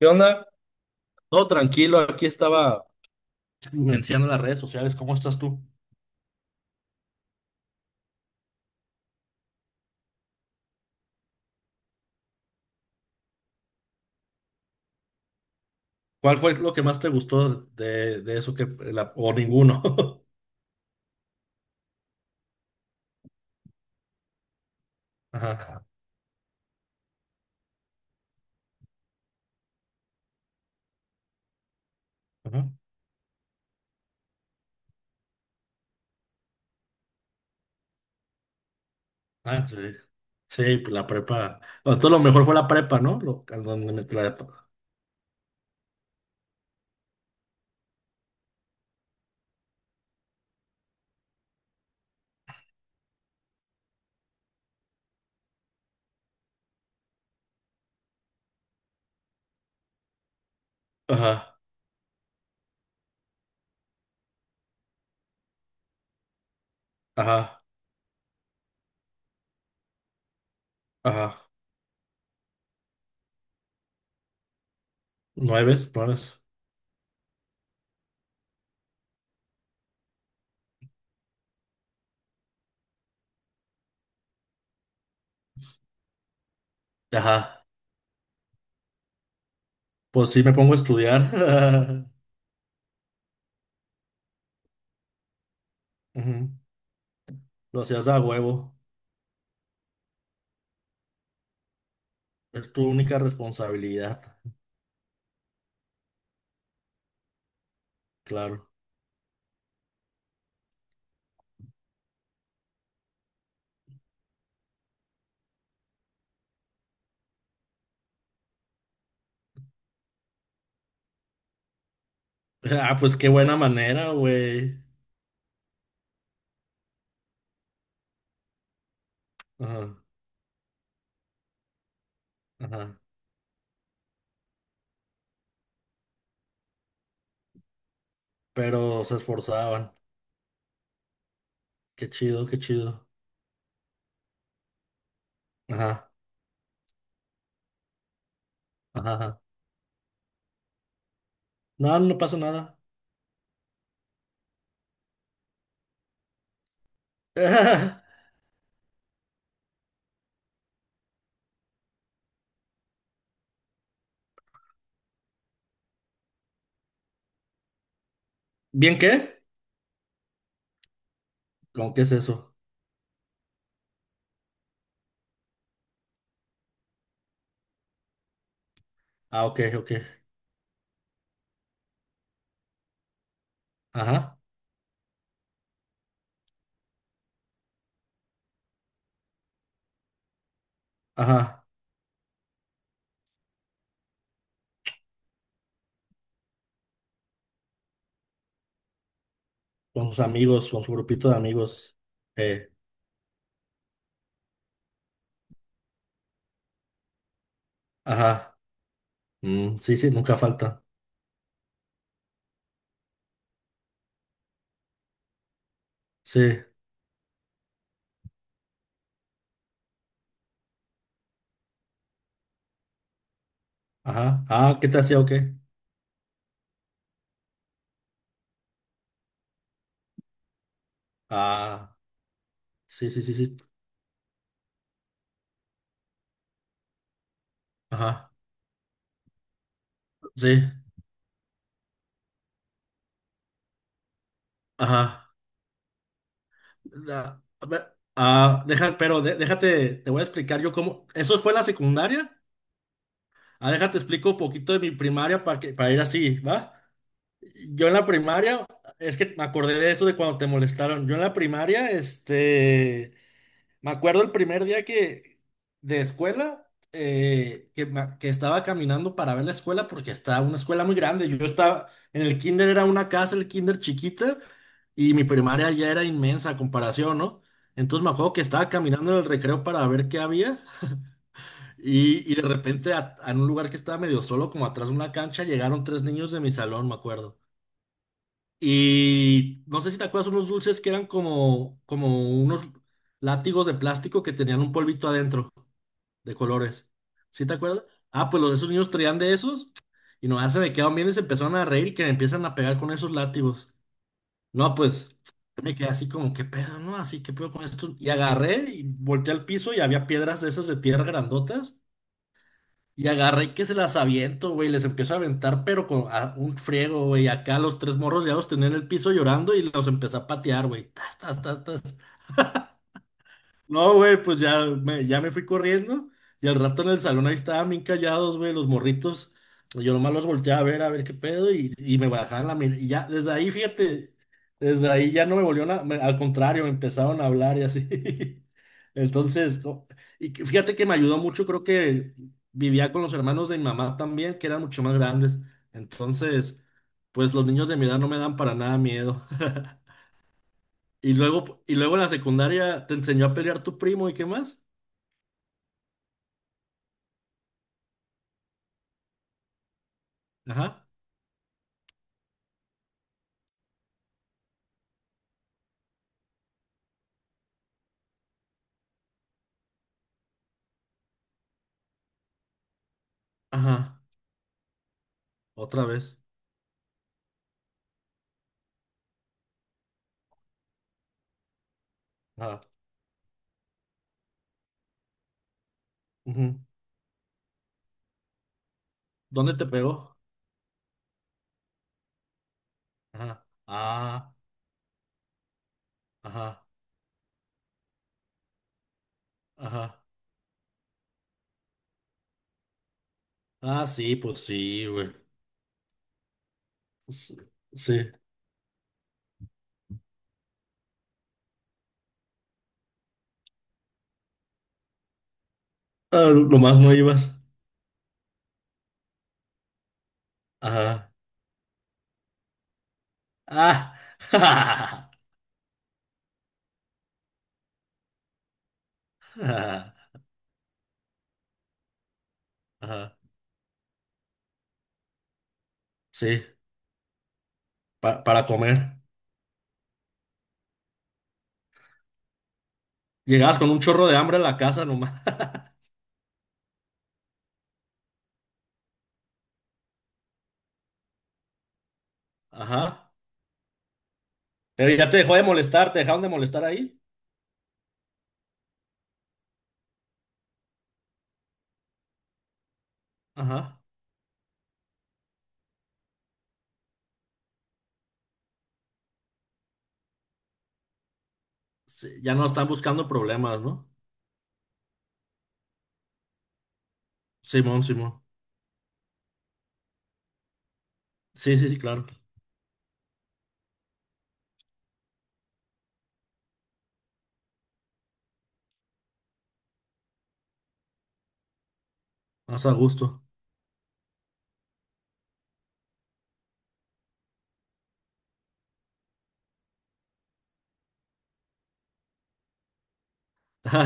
¿Qué onda? Todo tranquilo, aquí estaba mencionando las redes sociales. ¿Cómo estás tú? ¿Cuál fue lo que más te gustó de eso que la- o ninguno? Ajá. Ajá. Ah, sí. Sí, pues la prepa. Bueno, todo lo mejor fue la prepa, ¿no? Lo, a donde me trae- Ajá, ajá, ajá. Nueves, nueves. Ajá. Pues sí me pongo a estudiar. Ujú. Lo hacías a huevo. Es tu única responsabilidad, claro. Ah, pues qué buena manera, güey. Ajá, ajá, pero se esforzaban. Qué chido, qué chido. Ajá, ajá, ajá. No, no pasa nada. ¿Bien qué? ¿Con qué es eso? Ah, ok, ok. Ajá, ajá. Con sus amigos, con su grupito de amigos. Eh, ajá. Mm, sí, sí, nunca falta. Sí, ajá. Ah, ¿qué te hacía o qué? Ah, sí, sí, sí, sí. Ajá, sí, ajá. Ah, a ver, ah, deja, pero de- déjate, te voy a explicar yo cómo. ¿Eso fue la secundaria? Ah, déjate explico un poquito de mi primaria para que, para ir así, ¿va? Yo en la primaria, es que me acordé de eso de cuando te molestaron. Yo en la primaria, me acuerdo el primer día que, de escuela, que, ma- que estaba caminando para ver la escuela porque estaba una escuela muy grande. Yo estaba, en el kinder era una casa, el kinder chiquita, y mi primaria ya era inmensa a comparación, ¿no? Entonces me acuerdo que estaba caminando en el recreo para ver qué había. Y de repente a un lugar que estaba medio solo, como atrás de una cancha, llegaron tres niños de mi salón, me acuerdo. Y no sé si te acuerdas unos dulces que eran como, como unos látigos de plástico que tenían un polvito adentro de colores. ¿Sí te acuerdas? Ah, pues los, esos niños traían de esos y nomás se me quedaron bien y se empezaron a reír y que me empiezan a pegar con esos látigos. No, pues yo me quedé así como, ¿qué pedo, no? Así, ¿qué pedo con esto? Y agarré y volteé al piso y había piedras de esas de tierra grandotas. Y agarré que se las aviento, güey, les empiezo a aventar, pero con a- un friego, güey. Acá los tres morros ya los tenía en el piso llorando y los empecé a patear, güey. Tas, tas, tas, tas. No, güey, pues ya me fui corriendo y al rato en el salón ahí estaban bien callados, güey, los morritos. Yo nomás los volteé a ver qué pedo y me bajaban la mirada. Y ya, desde ahí, fíjate, desde ahí ya no me volvieron a, me- al contrario, me empezaron a hablar y así. Entonces, no, y que- fíjate que me ayudó mucho, creo que vivía con los hermanos de mi mamá también, que eran mucho más grandes. Entonces, pues los niños de mi edad no me dan para nada miedo. Y luego en la secundaria te enseñó a pelear tu primo y qué más. Ajá, ajá, otra vez. Ajá, ujú. ¿Dónde te pegó? Ajá, ah, ajá, ajá. Ah, sí, pues sí, güey. Sí, sí. Ah, lo más no ibas. Ajá, ah, ajá, ajá. Sí, pa- para comer. Llegabas con un chorro de hambre a la casa nomás. Ajá. Pero ya te dejó de molestar, te dejaron de molestar ahí. Ajá. Sí, ya no están buscando problemas, ¿no? Simón, Simón. Sí, sí, sí, claro. Más a gusto.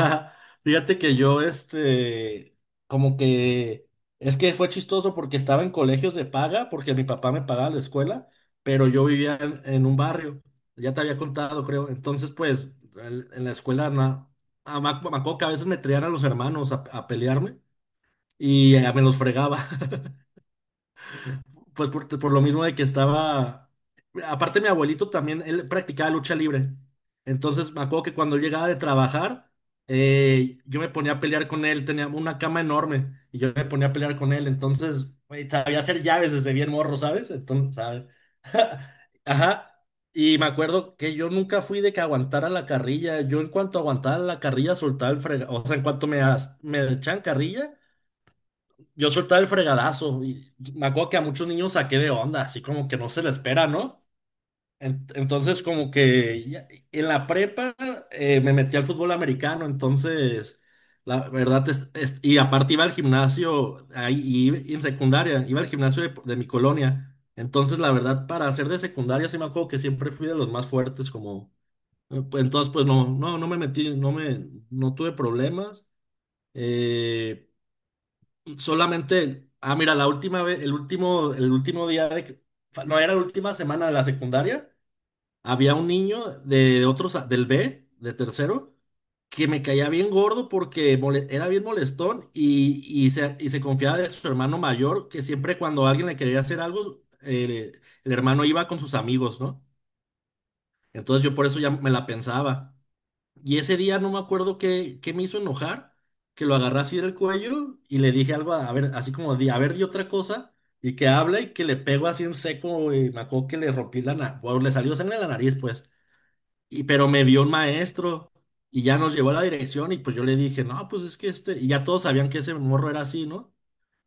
Fíjate que yo, como que, es que fue chistoso porque estaba en colegios de paga, porque mi papá me pagaba la escuela, pero yo vivía en un barrio, ya te había contado, creo. Entonces, pues, el- en la escuela, na- ah, me ac- me acuerdo que a veces me traían a los hermanos a pelearme y me los fregaba. Pues por lo mismo de que estaba. Aparte, mi abuelito también, él practicaba lucha libre. Entonces, me acuerdo que cuando él llegaba de trabajar, yo me ponía a pelear con él. Tenía una cama enorme y yo me ponía a pelear con él. Entonces, güey, sabía hacer llaves desde bien morro, ¿sabes? Entonces, ¿sabes? Ajá. Y me acuerdo que yo nunca fui de que aguantara la carrilla. Yo, en cuanto aguantaba la carrilla, soltaba el frega. O sea, en cuanto me, as- me echan carrilla. Yo soltaba el fregadazo y me acuerdo que a muchos niños saqué de onda, así como que no se le espera, ¿no? En- Entonces, como que ya- en la prepa me metí al fútbol americano, entonces, la verdad, es- y aparte iba al gimnasio, ahí y en secundaria, iba al gimnasio de mi colonia. Entonces, la verdad, para ser de secundaria, sí me acuerdo que siempre fui de los más fuertes, como, pues, entonces, pues no, no, no me metí, no me, no tuve problemas. eh, Solamente, ah, mira, la última vez, el último día de, que- no, era la última semana de la secundaria, había un niño de otros, del B, de tercero, que me caía bien gordo porque mole- era bien molestón y se, y se confiaba de su hermano mayor, que siempre cuando alguien le quería hacer algo, el hermano iba con sus amigos, ¿no? Entonces yo por eso ya me la pensaba. Y ese día no me acuerdo qué, qué me hizo enojar, que lo agarré así del cuello y le dije algo, a ver, así como, di, a ver, di otra cosa, y que habla y que le pego así en seco, y me acuerdo que le rompí la nariz, le salió sangre en la nariz, pues, y, pero me vio un maestro y ya nos llevó a la dirección y pues yo le dije, no, pues es que este, y ya todos sabían que ese morro era así, ¿no?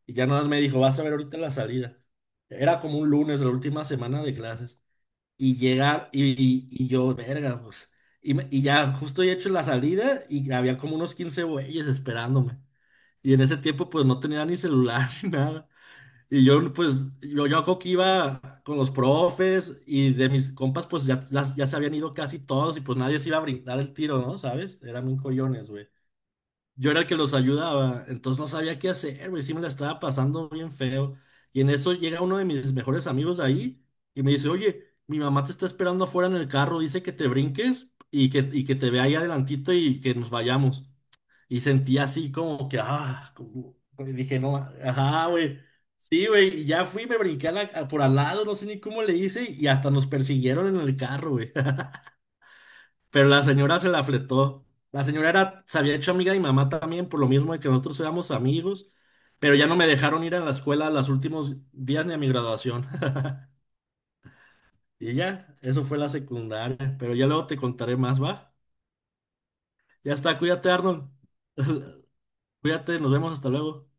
Y ya nada más me dijo, vas a ver ahorita la salida. Era como un lunes, la última semana de clases y llegar, y yo, verga, pues. Y, me- y ya justo he hecho la salida y había como unos 15 güeyes esperándome. Y en ese tiempo pues no tenía ni celular ni nada. Y yo pues, yo creo que iba con los profes y de mis compas pues ya se habían ido casi todos y pues nadie se iba a brindar el tiro, ¿no? ¿Sabes? Eran un coyones, güey. Yo era el que los ayudaba, entonces no sabía qué hacer, güey, sí me la estaba pasando bien feo. Y en eso llega uno de mis mejores amigos de ahí y me dice, oye, mi mamá te está esperando afuera en el carro, dice que te brinques y que te vea ahí adelantito y que nos vayamos. Y sentí así como que, ah, como- y dije, no, ajá, güey. Sí, güey, y ya fui, me brinqué a la- a- por al lado, no sé ni cómo le hice y hasta nos persiguieron en el carro, güey. Pero la señora se la fletó. La señora era, se había hecho amiga de mi mamá también, por lo mismo de que nosotros éramos amigos, pero ya no me dejaron ir a la escuela los últimos días ni a mi graduación. Y ya, eso fue la secundaria, pero ya luego te contaré más, ¿va? Ya está, cuídate, Arnold. Cuídate, nos vemos, hasta luego.